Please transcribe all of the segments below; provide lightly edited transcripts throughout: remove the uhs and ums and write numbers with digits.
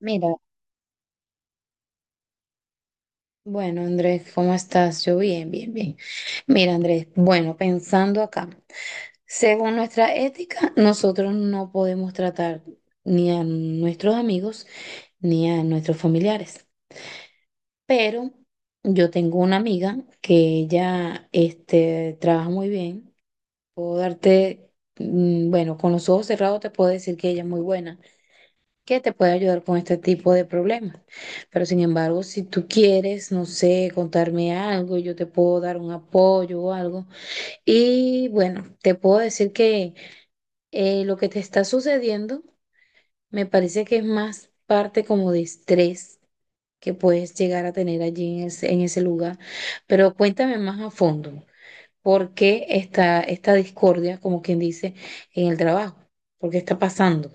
Mira, bueno, Andrés, ¿cómo estás? Yo bien, bien, bien. Mira, Andrés, bueno, pensando acá, según nuestra ética, nosotros no podemos tratar ni a nuestros amigos ni a nuestros familiares. Pero yo tengo una amiga que ella, trabaja muy bien. Puedo darte, bueno, con los ojos cerrados te puedo decir que ella es muy buena, que te puede ayudar con este tipo de problemas. Pero sin embargo, si tú quieres, no sé, contarme algo, yo te puedo dar un apoyo o algo. Y bueno, te puedo decir que lo que te está sucediendo me parece que es más parte como de estrés que puedes llegar a tener allí en ese lugar. Pero cuéntame más a fondo, ¿por qué está esta discordia, como quien dice, en el trabajo? ¿Por qué está pasando?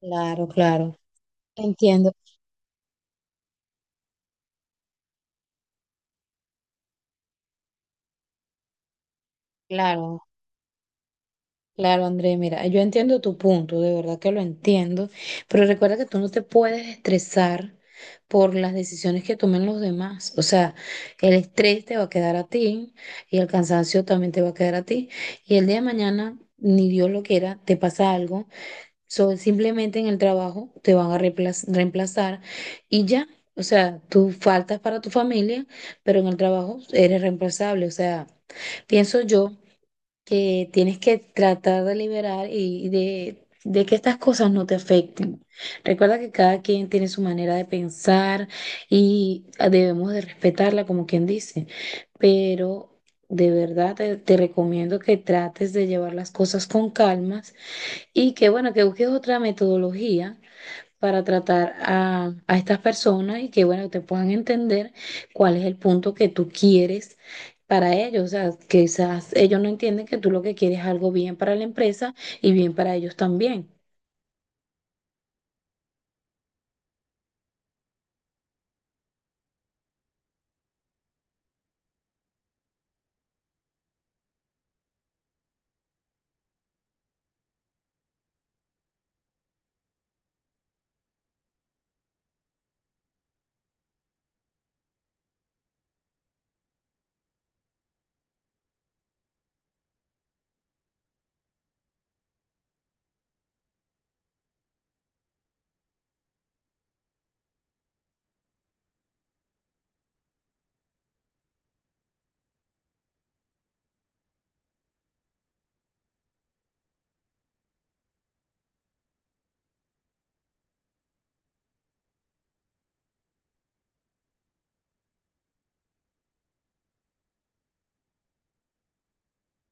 Claro, claro, entiendo. Claro, claro, André, mira, yo entiendo tu punto, de verdad que lo entiendo, pero recuerda que tú no te puedes estresar por las decisiones que tomen los demás. O sea, el estrés te va a quedar a ti y el cansancio también te va a quedar a ti. Y el día de mañana, ni Dios lo quiera, te pasa algo, simplemente en el trabajo te van a reemplazar y ya. O sea, tú faltas para tu familia, pero en el trabajo eres reemplazable. O sea, pienso yo que tienes que tratar de liberar y de que estas cosas no te afecten. Recuerda que cada quien tiene su manera de pensar y debemos de respetarla, como quien dice, pero de verdad te recomiendo que trates de llevar las cosas con calmas y que, bueno, que busques otra metodología para tratar a estas personas y que, bueno, te puedan entender cuál es el punto que tú quieres para ellos. O sea, quizás ellos no entienden que tú lo que quieres es algo bien para la empresa y bien para ellos también.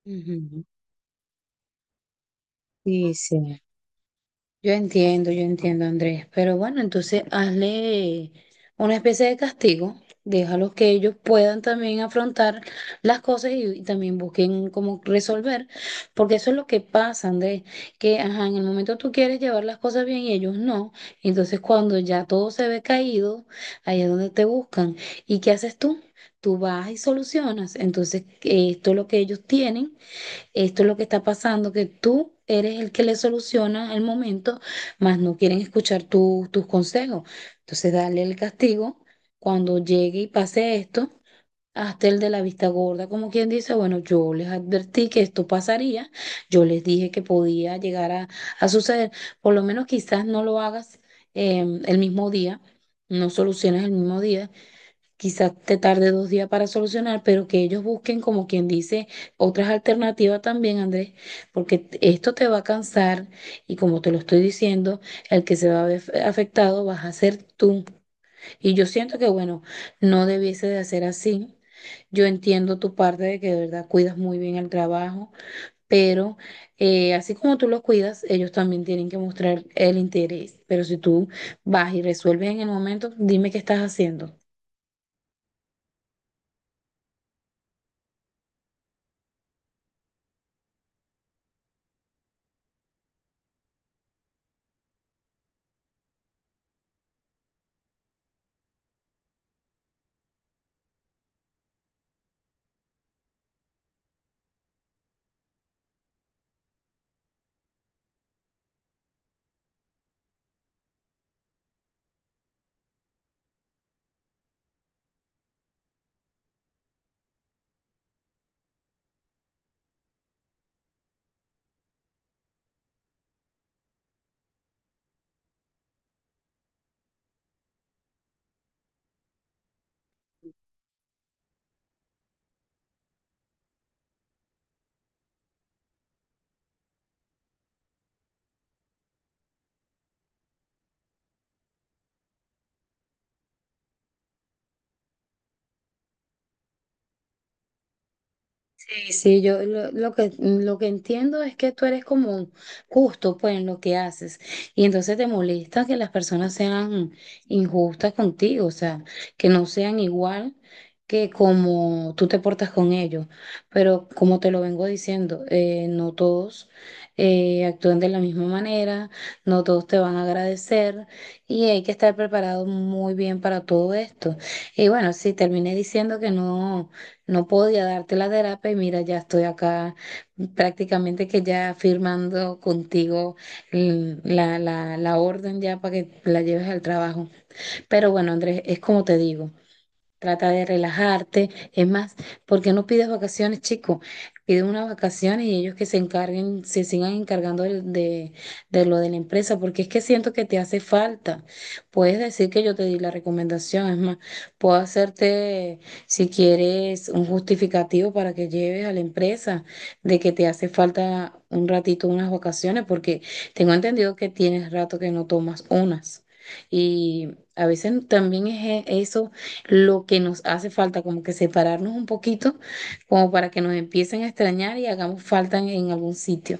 Ujú. Sí, sí. Yo entiendo, Andrés, pero bueno, entonces hazle una especie de castigo, déjalos que ellos puedan también afrontar las cosas y también busquen cómo resolver, porque eso es lo que pasa, Andrés, que ajá, en el momento tú quieres llevar las cosas bien y ellos no, entonces cuando ya todo se ve caído, ahí es donde te buscan. ¿Y qué haces tú? Tú vas y solucionas, entonces esto es lo que ellos tienen. Esto es lo que está pasando, que tú eres el que le soluciona el momento, mas no quieren escuchar tus consejos. Entonces, dale el castigo. Cuando llegue y pase esto, hasta el de la vista gorda, como quien dice, bueno, yo les advertí que esto pasaría, yo les dije que podía llegar a suceder. Por lo menos quizás no lo hagas el mismo día, no soluciones el mismo día, quizás te tarde dos días para solucionar, pero que ellos busquen, como quien dice, otras alternativas también, Andrés, porque esto te va a cansar y como te lo estoy diciendo, el que se va a ver afectado vas a ser tú. Y yo siento que, bueno, no debiese de hacer así. Yo entiendo tu parte de que de verdad cuidas muy bien el trabajo, pero así como tú lo cuidas, ellos también tienen que mostrar el interés. Pero si tú vas y resuelves en el momento, dime qué estás haciendo. Sí, sí, lo que entiendo es que tú eres como justo pues en lo que haces y entonces te molesta que las personas sean injustas contigo, o sea, que no sean igual que como tú te portas con ellos, pero como te lo vengo diciendo, no todos actúan de la misma manera, no todos te van a agradecer y hay que estar preparado muy bien para todo esto. Y bueno, sí, terminé diciendo que no. No podía darte la terapia y mira, ya estoy acá prácticamente que ya firmando contigo la orden ya para que la lleves al trabajo. Pero bueno, Andrés, es como te digo, trata de relajarte. Es más, porque no pides vacaciones, chico? Pide unas vacaciones y ellos que se encarguen, se sigan encargando de lo de la empresa, porque es que siento que te hace falta. Puedes decir que yo te di la recomendación, es más, puedo hacerte, si quieres, un justificativo para que lleves a la empresa de que te hace falta un ratito, unas vacaciones, porque tengo entendido que tienes rato que no tomas unas. Y a veces también es eso lo que nos hace falta, como que separarnos un poquito, como para que nos empiecen a extrañar y hagamos falta en algún sitio.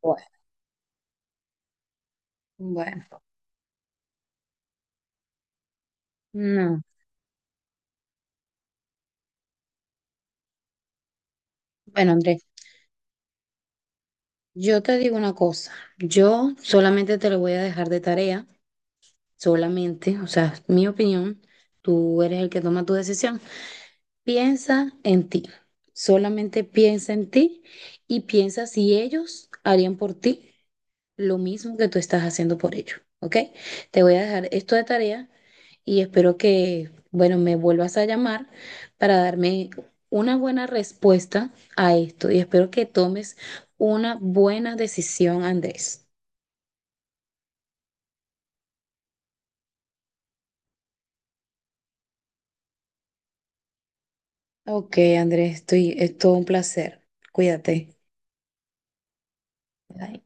Bueno, bueno, no. Bueno, Andrés, yo te digo una cosa, yo solamente te lo voy a dejar de tarea, solamente, o sea, es mi opinión, tú eres el que toma tu decisión. Piensa en ti, solamente piensa en ti y piensa si ellos harían por ti lo mismo que tú estás haciendo por ello, ¿ok? Te voy a dejar esto de tarea y espero que, bueno, me vuelvas a llamar para darme una buena respuesta a esto y espero que tomes una buena decisión, Andrés. Ok, Andrés, estoy, es todo un placer. Cuídate. Bye.